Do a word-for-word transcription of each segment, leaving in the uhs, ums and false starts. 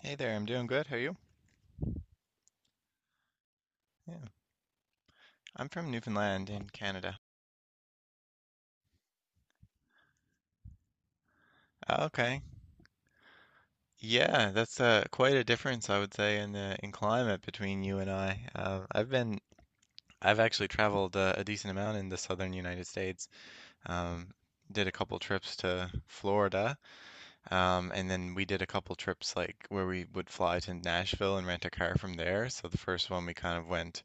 Hey there, I'm doing good. How are you? Yeah, I'm from Newfoundland in Canada. Oh, okay. Yeah, that's uh, quite a difference, I would say, in the in climate between you and I. Uh, I've been, I've actually traveled uh, a decent amount in the southern United States. Um, did a couple trips to Florida, um, and then we did a couple trips like where we would fly to Nashville and rent a car from there. So the first one we kind of went.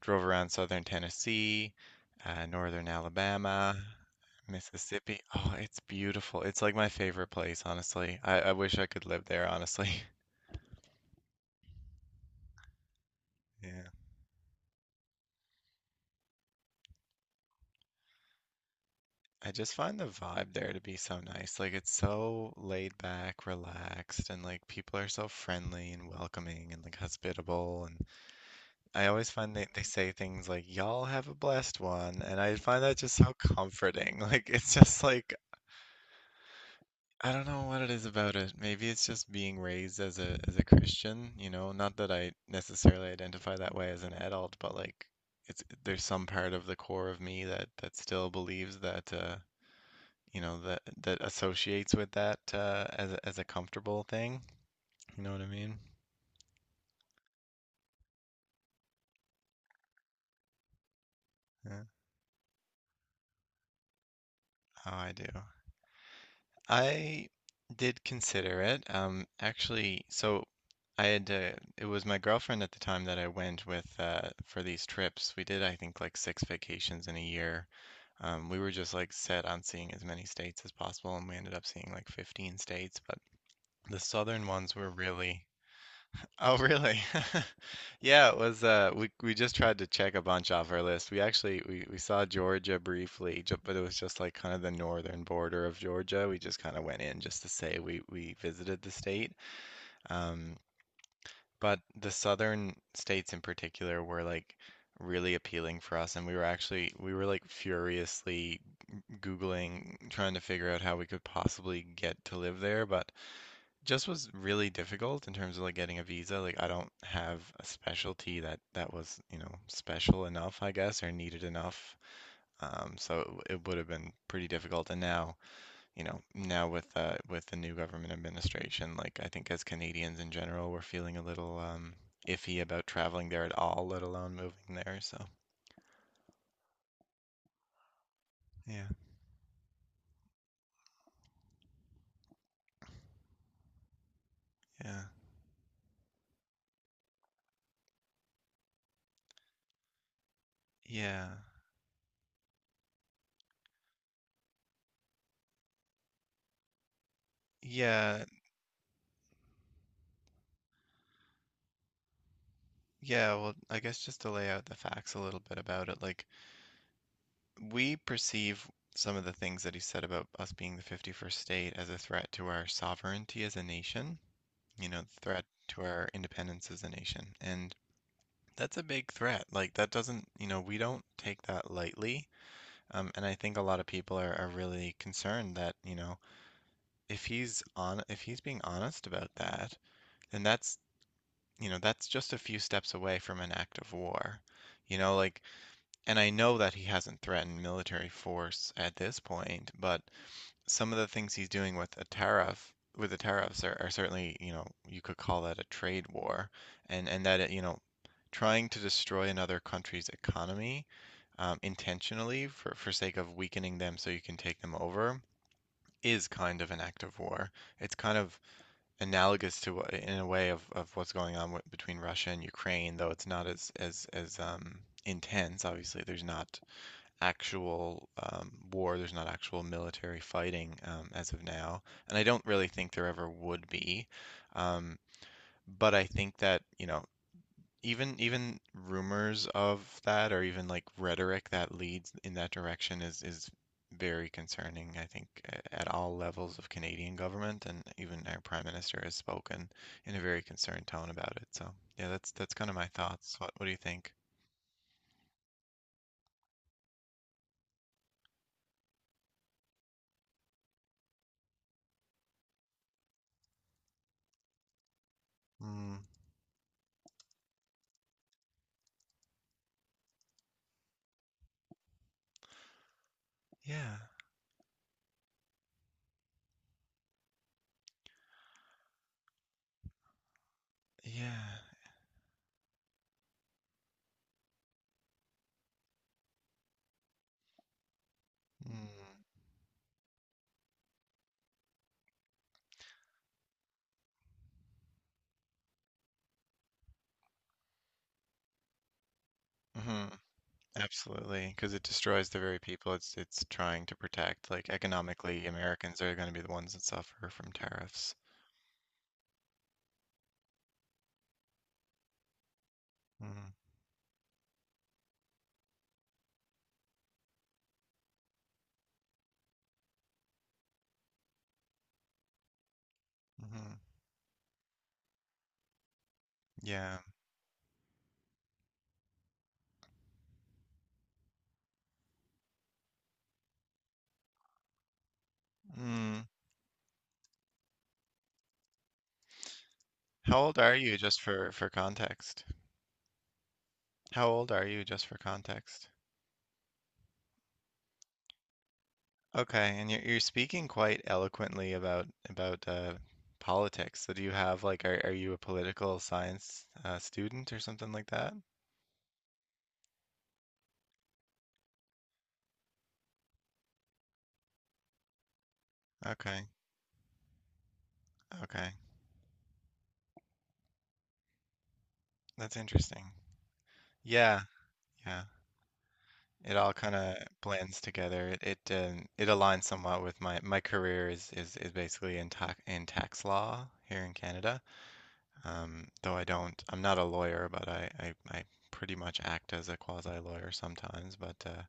Drove around southern Tennessee, uh, northern Alabama, Mississippi. Oh, it's beautiful. It's like my favorite place, honestly. I, I wish I could live there, honestly. Yeah. I just find the vibe there to be so nice. Like it's so laid back, relaxed, and like people are so friendly and welcoming and like hospitable. And I always find they, they say things like, y'all have a blessed one. And I find that just so comforting. Like it's just like I don't know what it is about it. Maybe it's just being raised as a as a Christian, you know, not that I necessarily identify that way as an adult, but like it's there's some part of the core of me that that still believes that uh, you know, that that associates with that uh as a, as a comfortable thing. You know what I mean? Yeah. Oh, I do. I did consider it. Um, actually, so I had to, it was my girlfriend at the time that I went with uh, for these trips. We did, I think, like six vacations in a year. Um, we were just like set on seeing as many states as possible, and we ended up seeing like fifteen states. But the southern ones were really Oh, really? Yeah, it was uh we we just tried to check a bunch off our list. We actually we we saw Georgia briefly, ju- but it was just like kind of the northern border of Georgia. We just kind of went in just to say we we visited the state. Um, but the southern states in particular were like really appealing for us, and we were actually we were like furiously Googling trying to figure out how we could possibly get to live there, but just was really difficult in terms of like getting a visa. Like I don't have a specialty that that was, you know, special enough, I guess, or needed enough. Um, so it, it would have been pretty difficult. And now, you know, now with uh with the new government administration, like I think as Canadians in general, we're feeling a little um iffy about traveling there at all, let alone moving there. So yeah, yeah, yeah. Yeah, yeah, well, I guess just to lay out the facts a little bit about it, like we perceive some of the things that he said about us being the fifty-first state as a threat to our sovereignty as a nation, you know, the threat to our independence as a nation. And that's a big threat. Like, that doesn't, you know, we don't take that lightly. Um, and I think a lot of people are, are really concerned that, you know, if he's on, if he's being honest about that, then that's, you know, that's just a few steps away from an act of war. You know, like, and I know that he hasn't threatened military force at this point, but some of the things he's doing with a tariff with the tariffs are, are certainly, you know, you could call that a trade war, and and that it, you know, trying to destroy another country's economy um, intentionally for for sake of weakening them so you can take them over is kind of an act of war. It's kind of analogous to in a way of, of what's going on with, between Russia and Ukraine, though it's not as as as um, intense. Obviously, there's not actual um, war. There's not actual military fighting um, as of now, and I don't really think there ever would be. Um, but I think that, you know, even even rumors of that or even like rhetoric that leads in that direction is is very concerning, I think, a- at all levels of Canadian government, and even our Prime Minister has spoken in a very concerned tone about it. So, yeah, that's that's kind of my thoughts. What what do you think? Mm, yeah, yeah. Mm, mhm. Absolutely, because it destroys the very people it's it's trying to protect. Like economically, Americans are going to be the ones that suffer from tariffs. Mm-hmm. Mm-hmm. Yeah. Mm. How old are you, just for for context? How old are you, just for context? Okay, and you're you're speaking quite eloquently about about uh, politics. So do you have like are are you a political science uh, student or something like that? Okay, okay, that's interesting. Yeah, yeah. It all kind of blends together. It it um, it aligns somewhat with my my career is is, is basically in tax in tax law here in Canada. Um, though I don't I'm not a lawyer, but I I, I pretty much act as a quasi lawyer sometimes. But uh,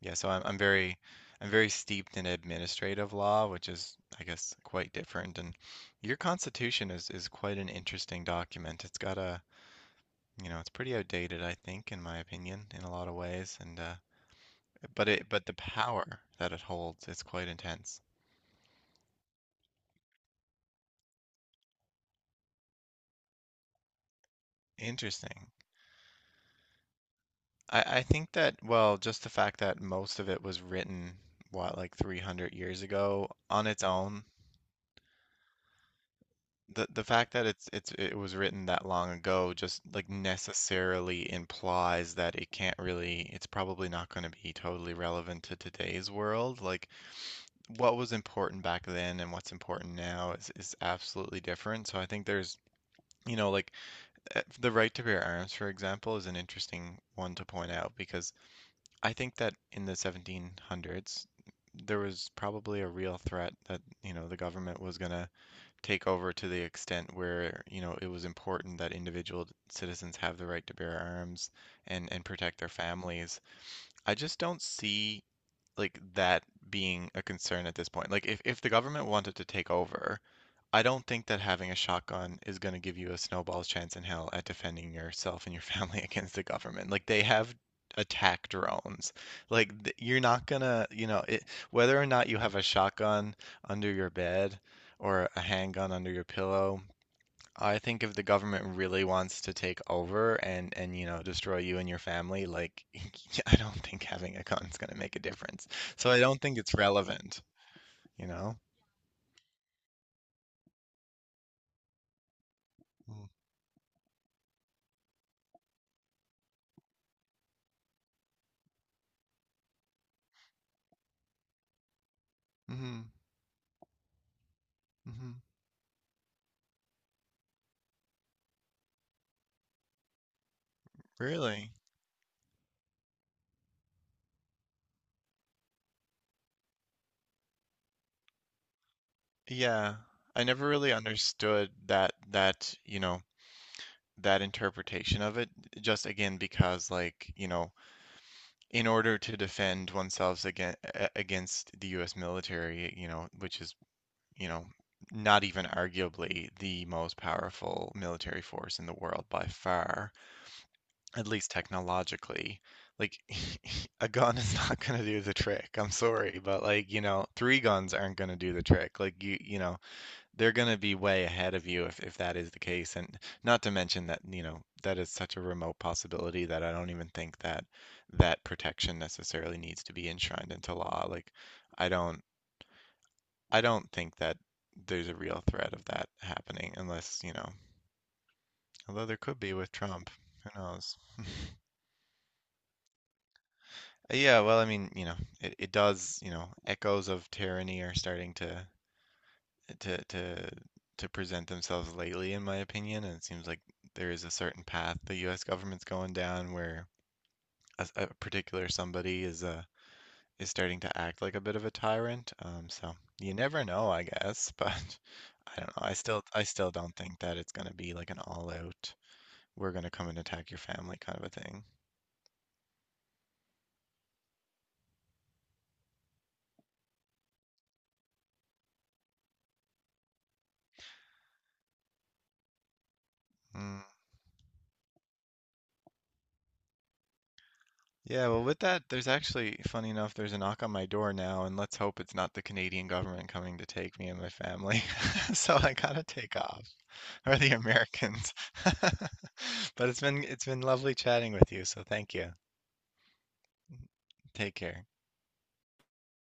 yeah, so I'm I'm very I'm very steeped in administrative law, which is I guess quite different. And your Constitution is is quite an interesting document. It's got a you know it's pretty outdated, I think, in my opinion, in a lot of ways, and uh, but it but the power that it holds is quite intense. Interesting. I, I think that, well, just the fact that most of it was written, what, like three hundred years ago on its own, the the fact that it's it's it was written that long ago just like necessarily implies that it can't really, it's probably not going to be totally relevant to today's world. Like what was important back then and what's important now is is absolutely different. So I think there's, you know, like uh, the right to bear arms, for example, is an interesting one to point out because I think that in the seventeen hundreds, there was probably a real threat that, you know, the government was going to take over to the extent where, you know, it was important that individual citizens have the right to bear arms and and protect their families. I just don't see like that being a concern at this point. Like if if the government wanted to take over, I don't think that having a shotgun is going to give you a snowball's chance in hell at defending yourself and your family against the government. Like they have attack drones. Like th- you're not gonna, you know, it, whether or not you have a shotgun under your bed or a handgun under your pillow, I think if the government really wants to take over and and you know destroy you and your family, like I don't think having a gun's going to make a difference. So I don't think it's relevant, you know? Mm-hmm. Hmm. Really? Yeah. I never really understood that that, you know, that interpretation of it just again because like, you know, in order to defend oneself against against the U S military, you know, which is, you know, not even arguably the most powerful military force in the world by far. At least technologically, like a gun is not going to do the trick. I'm sorry, but like, you know, three guns aren't going to do the trick. Like you, you know, they're going to be way ahead of you if if that is the case. And not to mention that, you know, that is such a remote possibility that I don't even think that that protection necessarily needs to be enshrined into law. Like I don't I don't think that there's a real threat of that happening unless, you know, although there could be with Trump. Who knows? Yeah, well, I mean, you know, it, it does, you know, echoes of tyranny are starting to to to to present themselves lately, in my opinion, and it seems like there is a certain path the U S government's going down where a, a particular somebody is uh is starting to act like a bit of a tyrant. Um, so you never know, I guess, but I don't know. I still I still don't think that it's gonna be like an all out, we're gonna come and attack your family kind of a thing. Hmm. Yeah, well, with that, there's actually, funny enough, there's a knock on my door now, and let's hope it's not the Canadian government coming to take me and my family. So I gotta take off, or the Americans. But it's been it's been lovely chatting with you, so thank you. Take care.